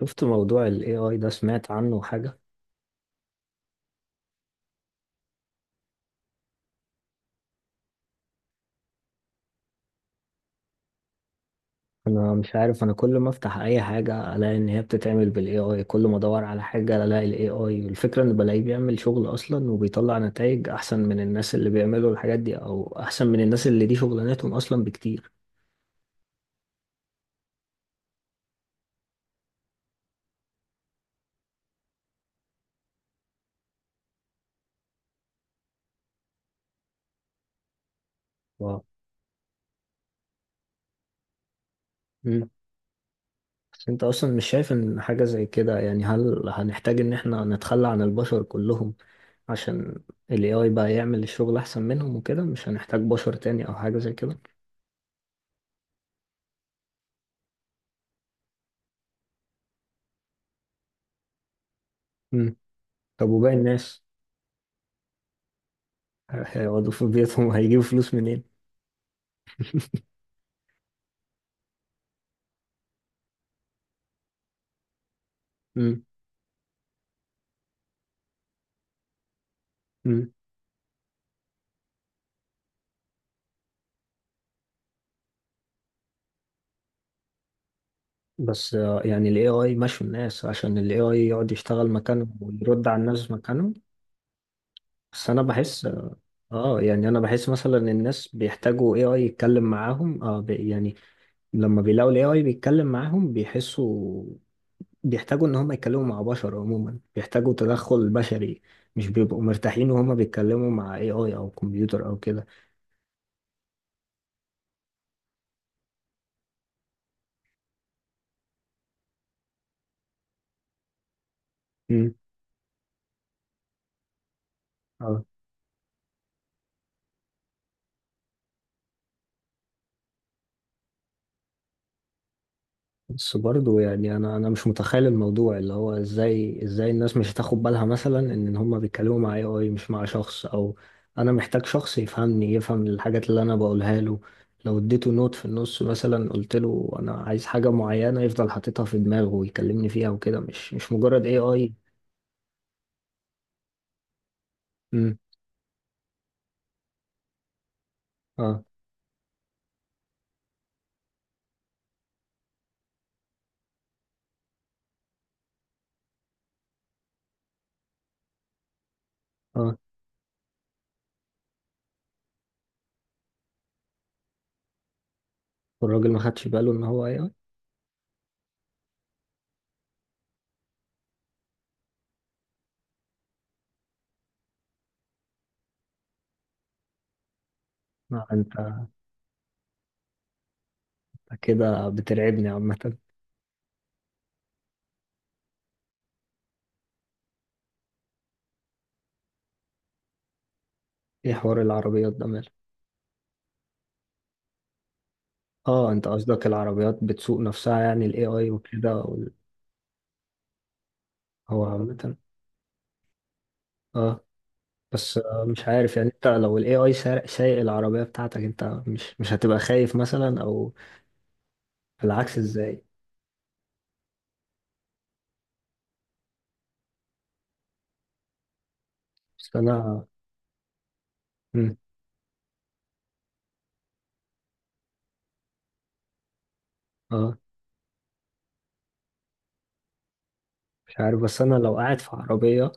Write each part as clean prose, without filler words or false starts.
شفت موضوع ال AI ده؟ سمعت عنه حاجة؟ أنا مش عارف، أنا كل ما أفتح أي حاجة ألاقي إن هي بتتعمل بال AI، كل ما أدور على حاجة ألاقي ال AI. الفكرة إن بلاقيه بيعمل شغل أصلا، وبيطلع نتائج أحسن من الناس اللي بيعملوا الحاجات دي، أو أحسن من الناس اللي دي شغلانتهم أصلا، بكتير. واو. مم. بس أنت أصلا مش شايف إن حاجة زي كده؟ يعني هل هنحتاج إن إحنا نتخلى عن البشر كلهم عشان ال AI بقى يعمل الشغل أحسن منهم، وكده مش هنحتاج بشر تاني أو حاجة زي كده؟ مم. طب وباقي الناس؟ هيقعدوا في بيتهم؟ هيجيبوا فلوس منين؟ مم. مم. بس يعني ال AI مشوا الناس عشان ال AI يقعد يشتغل مكانهم ويرد على الناس مكانهم. بس أنا بحس، يعني أنا بحس مثلا الناس بيحتاجوا AI يتكلم معاهم، آه بي يعني لما بيلاقوا ال AI بيتكلم معاهم بيحسوا، بيحتاجوا إن هم يتكلموا مع بشر عموما، بيحتاجوا تدخل بشري، مش بيبقوا مرتاحين وهما بيتكلموا مع AI أو كمبيوتر أو كده. مم. آه. بس برضه يعني انا مش متخيل الموضوع، اللي هو ازاي الناس مش هتاخد بالها مثلا ان هم بيتكلموا مع اي اي مش مع شخص، او انا محتاج شخص يفهمني، يفهم الحاجات اللي انا بقولها له، لو اديته نوت في النص مثلا، قلت له انا عايز حاجة معينة يفضل حاططها في دماغه ويكلمني فيها وكده، مش مجرد اي اي. امم. اه. اه. والراجل ما خدش باله ان هو اي اي؟ ما انت أنت كده بترعبني عامة. ايه حوار العربيات ده؟ ماله؟ اه، انت قصدك العربيات بتسوق نفسها، يعني الاي اي وكده وال-. هو عامة. اه. بس مش عارف، يعني انت لو الاي اي سايق العربية بتاعتك، انت مش هتبقى خايف مثلا، او... العكس ازاي؟ بس انا... مم. اه. مش عارف، بس انا لو قاعد في عربية،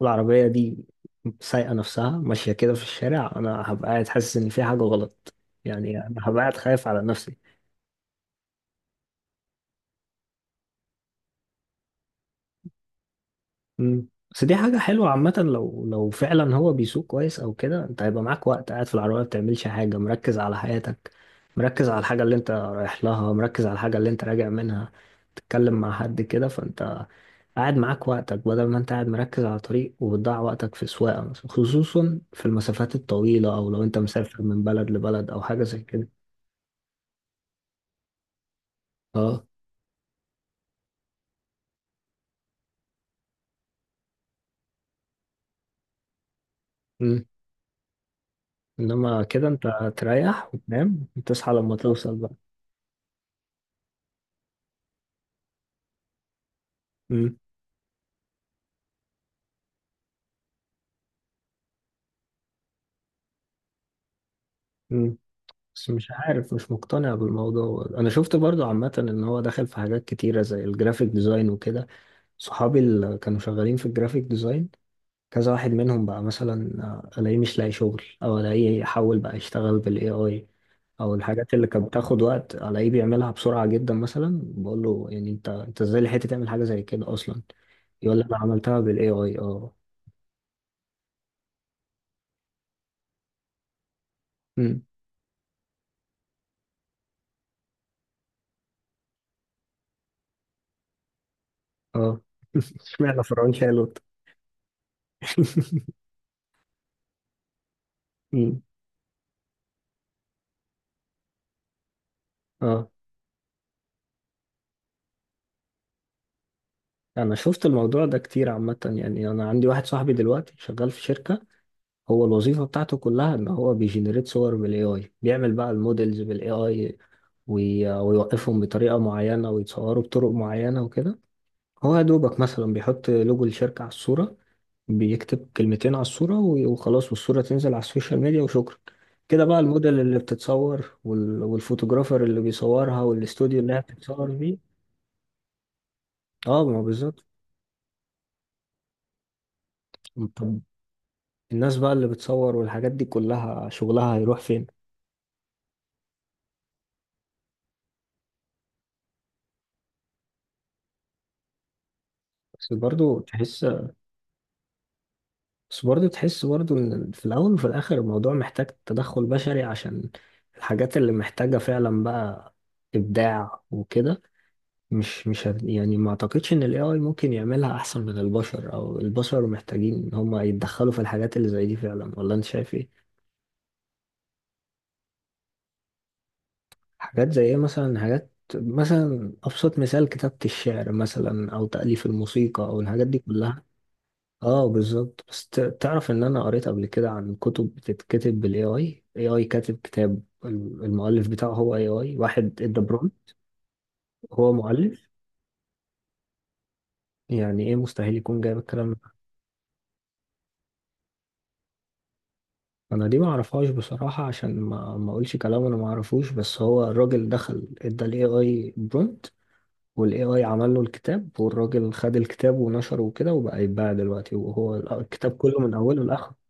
والعربية دي سايقة نفسها ماشية كده في الشارع، انا هبقى قاعد حاسس ان في حاجة غلط، يعني انا هبقى قاعد خايف على نفسي. مم. بس دي حاجة حلوة عامة، لو فعلا هو بيسوق كويس أو كده، أنت هيبقى معاك وقت قاعد في العربية ما بتعملش حاجة، مركز على حياتك، مركز على الحاجة اللي أنت رايح لها، مركز على الحاجة اللي أنت راجع منها، تتكلم مع حد كده، فأنت قاعد معاك وقتك بدل ما أنت قاعد مركز على طريق وبتضيع وقتك في سواقة مثلا، خصوصا في المسافات الطويلة، أو لو أنت مسافر من بلد لبلد أو حاجة زي كده. أه. مم. إنما كده أنت تريح وتنام وتصحى لما توصل بقى. مم. مم. بس مش عارف، مش مقتنع بالموضوع، انا شفت برضو عامة ان هو دخل في حاجات كتيرة زي الجرافيك ديزاين وكده. صحابي اللي كانوا شغالين في الجرافيك ديزاين، كذا واحد منهم بقى مثلا، الاقيه مش لاقي شغل، او الاقيه حول بقى يشتغل بالاي اي، او الحاجات اللي كانت بتاخد وقت الاقيه بيعملها بسرعة جدا، مثلا بقول له يعني انت ازاي لحقت تعمل حاجة زي كده اصلا؟ يقول لي انا عملتها بالاي اي. اه. أمم. اه. اشمعنى فرعون شالوت؟ أمم. اه. انا شفت الموضوع ده كتير عامة، يعني انا عندي واحد صاحبي دلوقتي شغال في شركة، هو الوظيفة بتاعته كلها ان هو بيجنريت صور بالاي اي، بيعمل بقى المودلز بالاي اي ويوقفهم بطريقة معينة ويتصوروا بطرق معينة وكده. هو يا دوبك مثلا بيحط لوجو الشركة على الصورة، بيكتب كلمتين على الصورة وخلاص، والصورة تنزل على السوشيال ميديا وشكرا. كده بقى الموديل اللي بتتصور، والفوتوغرافر اللي بيصورها، والاستوديو اللي هي بتتصور فيه. اه ما هو بالظبط. الناس بقى اللي بتصور والحاجات دي كلها شغلها هيروح فين؟ بس برضو تحس بس برضو تحس برضو ان في الاول وفي الاخر الموضوع محتاج تدخل بشري، عشان الحاجات اللي محتاجة فعلا بقى ابداع وكده، مش مش هت- يعني ما اعتقدش ان الاي اي ممكن يعملها احسن من البشر، او البشر محتاجين ان هم يتدخلوا في الحاجات اللي زي دي فعلا، ولا انت شايف ايه؟ حاجات زي ايه مثلا؟ حاجات مثلا، ابسط مثال كتابة الشعر مثلا، او تأليف الموسيقى، او الحاجات دي كلها. اه بالظبط. بس تعرف ان انا قريت قبل كده عن كتب بتتكتب بالاي اي، اي اي كاتب كتاب، المؤلف بتاعه هو اي اي، واحد ادى برومبت، هو مؤلف. يعني ايه مستحيل يكون جايب الكلام ده؟ انا دي ما اعرفهاش بصراحة، عشان ما اقولش كلام انا ما اعرفوش، بس هو الراجل دخل ادى الاي اي برومبت، والاي اي عمل له الكتاب، والراجل خد الكتاب ونشره وكده، وبقى يتباع دلوقتي، وهو الكتاب كله من اوله لاخره.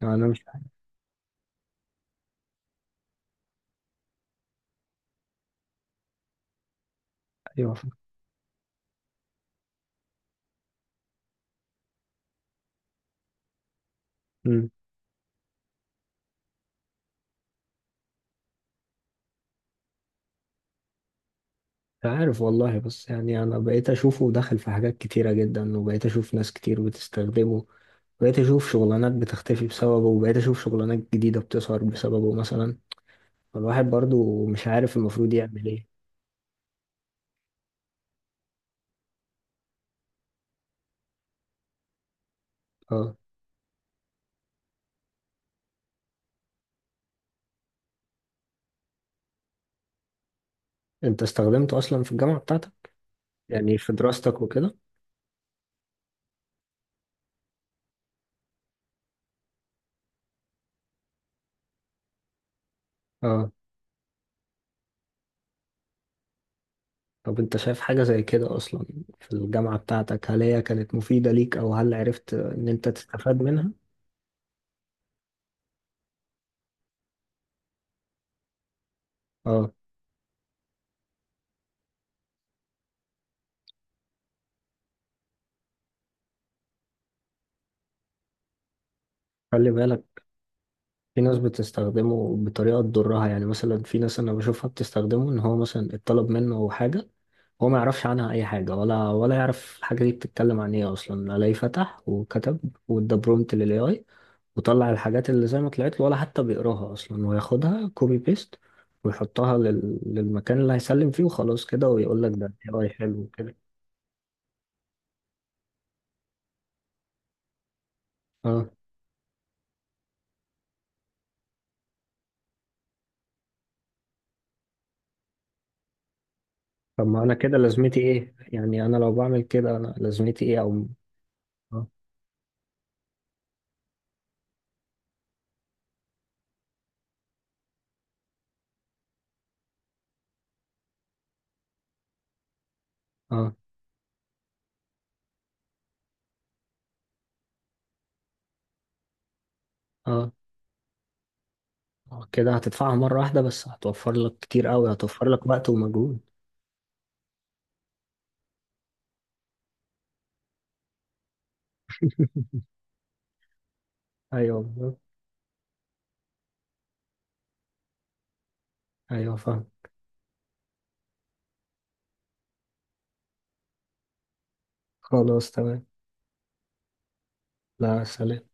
يعني انا مش عارف. ايوه. عارف والله، بس يعني انا بقيت اشوفه دخل في حاجات كتيرة جدا، وبقيت اشوف ناس كتير بتستخدمه، بقيت اشوف شغلانات بتختفي بسببه، وبقيت اشوف شغلانات جديدة بتظهر بسببه مثلا، فالواحد برضو مش عارف المفروض يعمل ايه. اه. انت استخدمته اصلا في الجامعة بتاعتك؟ يعني في دراستك وكده؟ اه. طب انت شايف حاجة زي كده اصلا في الجامعة بتاعتك؟ هل هي كانت مفيدة ليك؟ او هل عرفت ان انت تستفاد منها؟ اه. خلي بالك في ناس بتستخدمه بطريقة تضرها، يعني مثلا في ناس أنا بشوفها بتستخدمه إن هو مثلا اتطلب منه حاجة، هو ما يعرفش عنها أي حاجة، ولا يعرف الحاجة دي بتتكلم عن إيه أصلا، ألاقيه فتح وكتب وإدى برومت لل AI، وطلع الحاجات اللي زي ما طلعت له، ولا حتى بيقراها أصلا، وياخدها كوبي بيست، ويحطها للمكان اللي هيسلم فيه، وخلاص كده، ويقول لك ده AI حلو كده. اه. طب ما أنا كده لازمتي إيه؟ يعني أنا لو بعمل كده أنا لازمتي إيه، أو... اه. اه. اه. آه، كده هتدفعها مرة واحدة بس، هتوفر لك كتير قوي، هتوفر لك وقت ومجهود. ايوه بالظبط. ايوه فاهم. خلاص تمام. لا سلام.